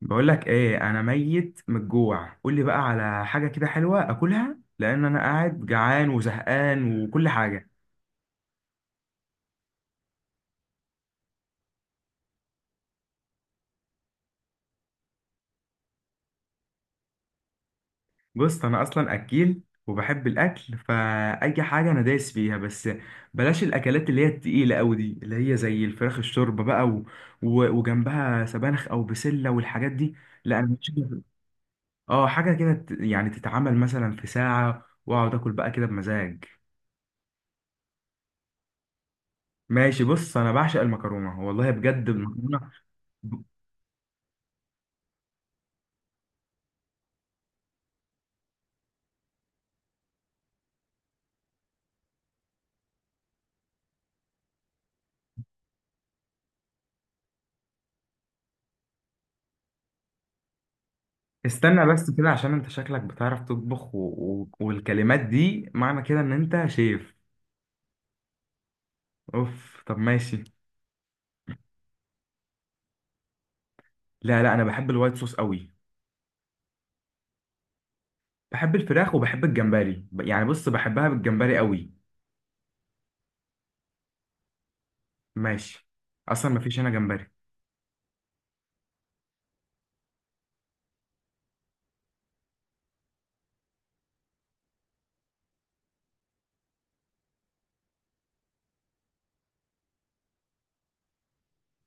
بقول لك ايه، انا ميت من الجوع. قول لي بقى على حاجه كده حلوه اكلها، لان انا قاعد جعان وزهقان وكل حاجه. بص، انا اصلا اكيل وبحب الاكل، فاي حاجه انا دايس فيها، بس بلاش الاكلات اللي هي التقيله قوي دي، اللي هي زي الفراخ الشوربه بقى و... و... وجنبها سبانخ او بسله والحاجات دي. لا انا مش، اه حاجه كده يعني تتعمل مثلا في ساعه واقعد اكل بقى كده بمزاج. ماشي، بص انا بعشق المكرونه، والله بجد المكرونه. استنى بس كده، عشان انت شكلك بتعرف تطبخ و... و... والكلمات دي معنى كده ان انت شيف. اوف، طب ماشي. لا لا، انا بحب الوايت صوص قوي. بحب الفراخ وبحب الجمبري، يعني بص بحبها بالجمبري قوي. ماشي. اصلا مفيش هنا جمبري.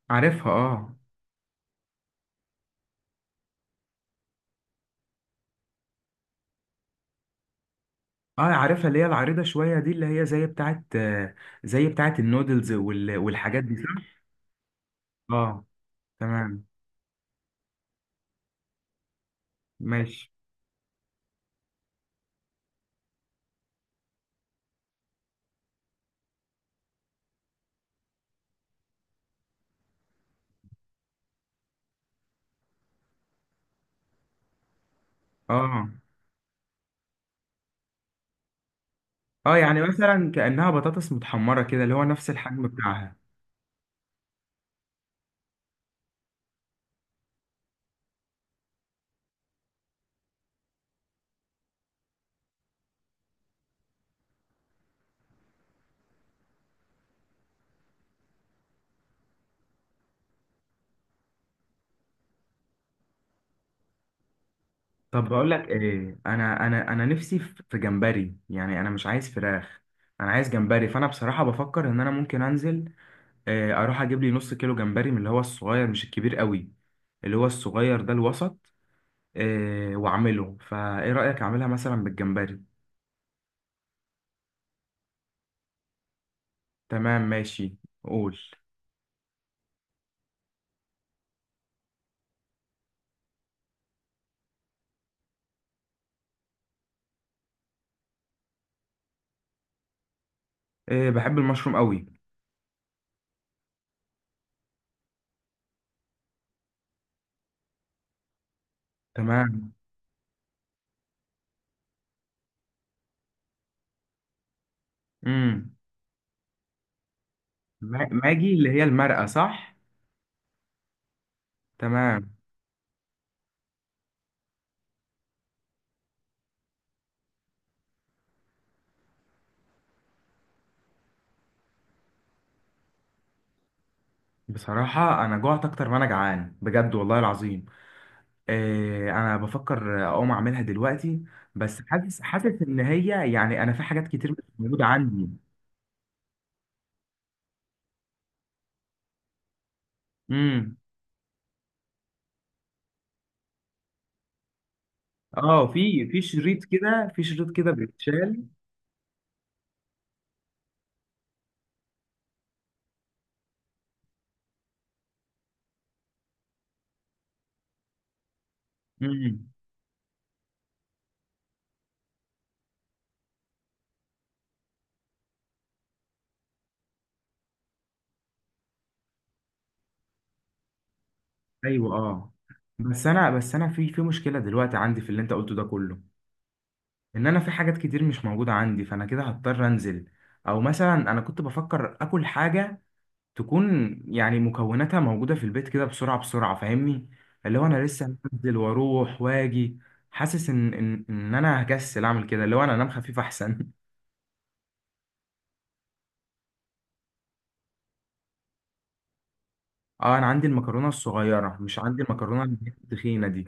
عارفها اه. اه عارفها، اللي هي العريضة شوية دي، اللي هي زي بتاعت زي بتاعت النودلز وال... والحاجات دي، صح؟ اه. تمام ماشي. اه. اه يعني مثلا كأنها بطاطس متحمرة كده، اللي هو نفس الحجم بتاعها. طب بقول لك ايه، انا نفسي في جمبري، يعني انا مش عايز فراخ، انا عايز جمبري. فانا بصراحه بفكر ان انا ممكن انزل، اروح اجيب لي نص كيلو جمبري من اللي هو الصغير، مش الكبير قوي، اللي هو الصغير ده الوسط. واعمله، فايه رايك اعملها مثلا بالجمبري. تمام ماشي، قول. بحب المشروم قوي. تمام. امم ماجي اللي هي المرقه، صح؟ تمام. بصراحه انا جوعت اكتر ما انا جعان بجد، والله العظيم. انا بفكر اقوم اعملها دلوقتي، بس حاسس ان هي يعني انا في حاجات كتير مش موجوده عندي. امم. اه في شريط كده، في شريط كده بيتشال. امم. ايوه اه. بس انا في مشكله دلوقتي عندي في اللي انت قلته ده كله، ان انا في حاجات كتير مش موجوده عندي، فانا كده هضطر انزل. او مثلا انا كنت بفكر اكل حاجه تكون يعني مكوناتها موجودة في البيت كده بسرعة بسرعة، فاهمني؟ اللي هو أنا لسه هنزل وأروح وأجي. حاسس إن أنا هكسل أعمل كده، اللي هو أنا أنام خفيف أحسن. أه أنا عندي المكرونة الصغيرة، مش عندي المكرونة اللي هي التخينة دي.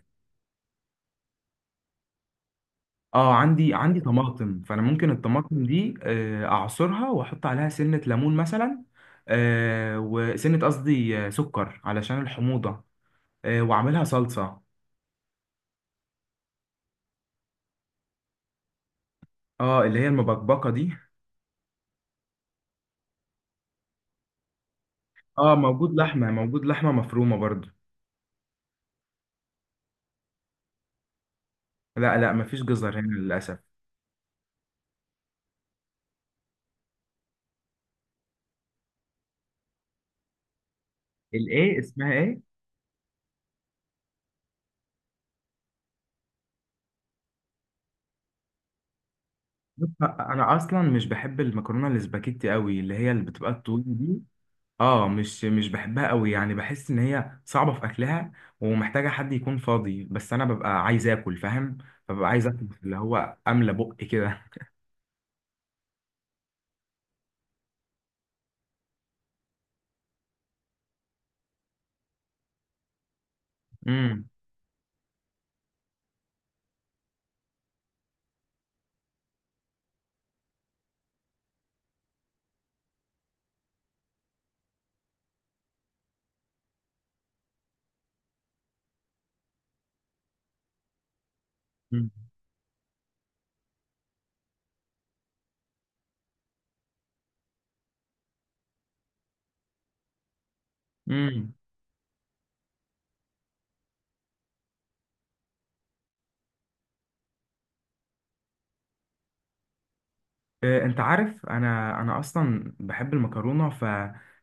أه عندي طماطم، فأنا ممكن الطماطم دي أعصرها وأحط عليها سنة ليمون مثلا، وسنة قصدي سكر علشان الحموضة، وأعملها صلصة. أه اللي هي المبكبكة دي. اه موجود لحمة، موجود لحمة مفرومة برضو. لا لا، مفيش جزر هنا للأسف. الإيه، اسمها إيه؟ بص، أنا أصلا مش بحب المكرونة الاسباجيتي قوي، اللي هي اللي بتبقى الطويلة دي. اه مش بحبها قوي، يعني بحس إن هي صعبة في أكلها، ومحتاجة حد يكون فاضي، بس أنا ببقى عايز آكل، فاهم؟ ببقى عايز آكل اللي هو أملى بقي كده. امم. امم. انت عارف، انا اصلا بحب المكرونه، ف,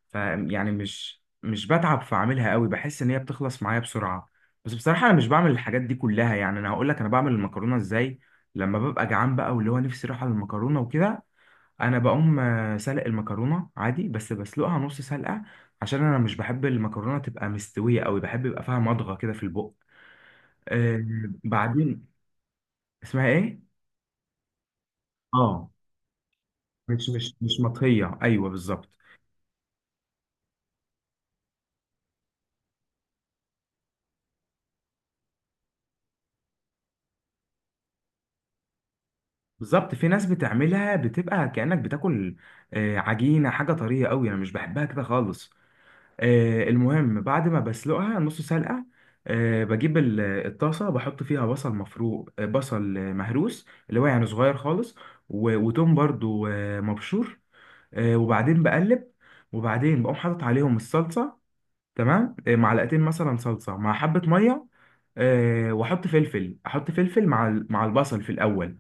ف يعني مش بتعب في اعملها قوي، بحس ان هي بتخلص معايا بسرعه. بس بصراحه انا مش بعمل الحاجات دي كلها. يعني انا هقول لك انا بعمل المكرونه ازاي لما ببقى جعان بقى واللي هو نفسي رايحه للمكرونه وكده. انا بقوم سلق المكرونه عادي، بس بسلقها نص سلقه، عشان انا مش بحب المكرونه تبقى مستويه قوي، بحب يبقى فيها مضغه كده في البق. آه، بعدين. اسمها ايه؟ اه مش مطهيه، ايوه بالظبط. بالظبط، في ناس بتعملها بتبقى كأنك بتاكل عجينة، حاجة طرية قوي، انا مش بحبها كده خالص. المهم بعد ما بسلقها نص سلقة، بجيب الطاسة، بحط فيها بصل مفروم، بصل مهروس، اللي هو يعني صغير خالص، و- وتوم برضو مبشور، وبعدين بقلب، وبعدين بقوم حاطط عليهم الصلصة. تمام، معلقتين مثلا صلصة مع حبة مية، واحط فلفل، احط فلفل مع مع البصل في الاول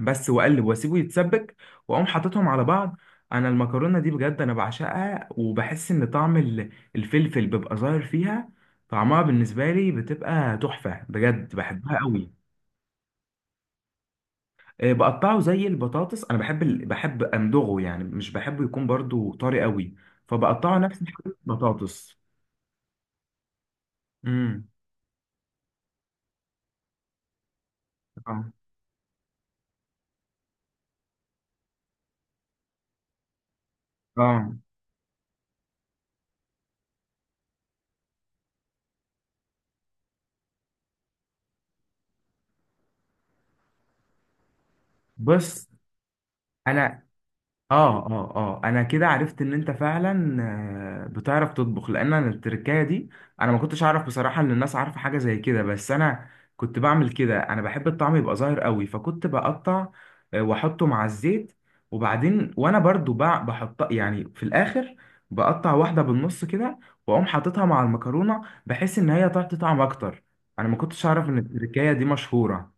بس، واقلب واسيبه يتسبك، واقوم حاططهم على بعض. انا المكرونه دي بجد انا بعشقها، وبحس ان طعم الفلفل بيبقى ظاهر فيها. طعمها بالنسبه لي بتبقى تحفه بجد، بحبها قوي. بقطعه زي البطاطس، انا بحب امضغه يعني، مش بحبه يكون برضو طري قوي، فبقطعه نفس البطاطس. امم. اه اه. بص انا، اه انا كده عرفت ان انت فعلا بتعرف تطبخ، لان انا التركايه دي انا ما كنتش اعرف بصراحه ان الناس عارفه حاجه زي كده، بس انا كنت بعمل كده. انا بحب الطعم يبقى ظاهر قوي، فكنت بقطع واحطه مع الزيت، وبعدين وانا برضو بحط يعني في الاخر، بقطع واحده بالنص كده، واقوم حاططها مع المكرونه، بحيث ان هي تعطي طعم اكتر. انا ما كنتش اعرف ان التركايه دي مشهوره.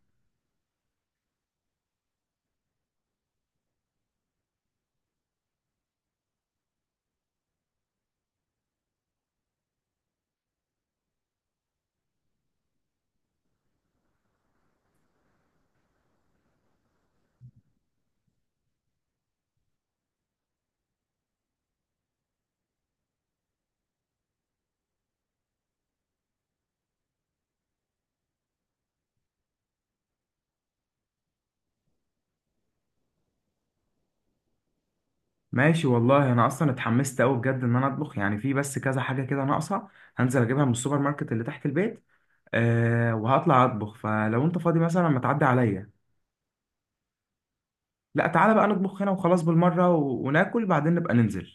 ماشي والله، انا اصلا اتحمست قوي بجد ان انا اطبخ، يعني في بس كذا حاجه كده ناقصه هنزل اجيبها من السوبر ماركت اللي تحت البيت. أه وهطلع اطبخ، فلو انت فاضي مثلا ما تعدي عليا. لا تعالى بقى نطبخ هنا وخلاص بالمره، و... وناكل بعدين نبقى ننزل.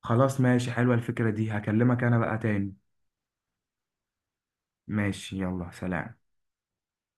خلاص ماشي، حلوه الفكره دي، هكلمك انا بقى تاني. ماشي يلا، سلام.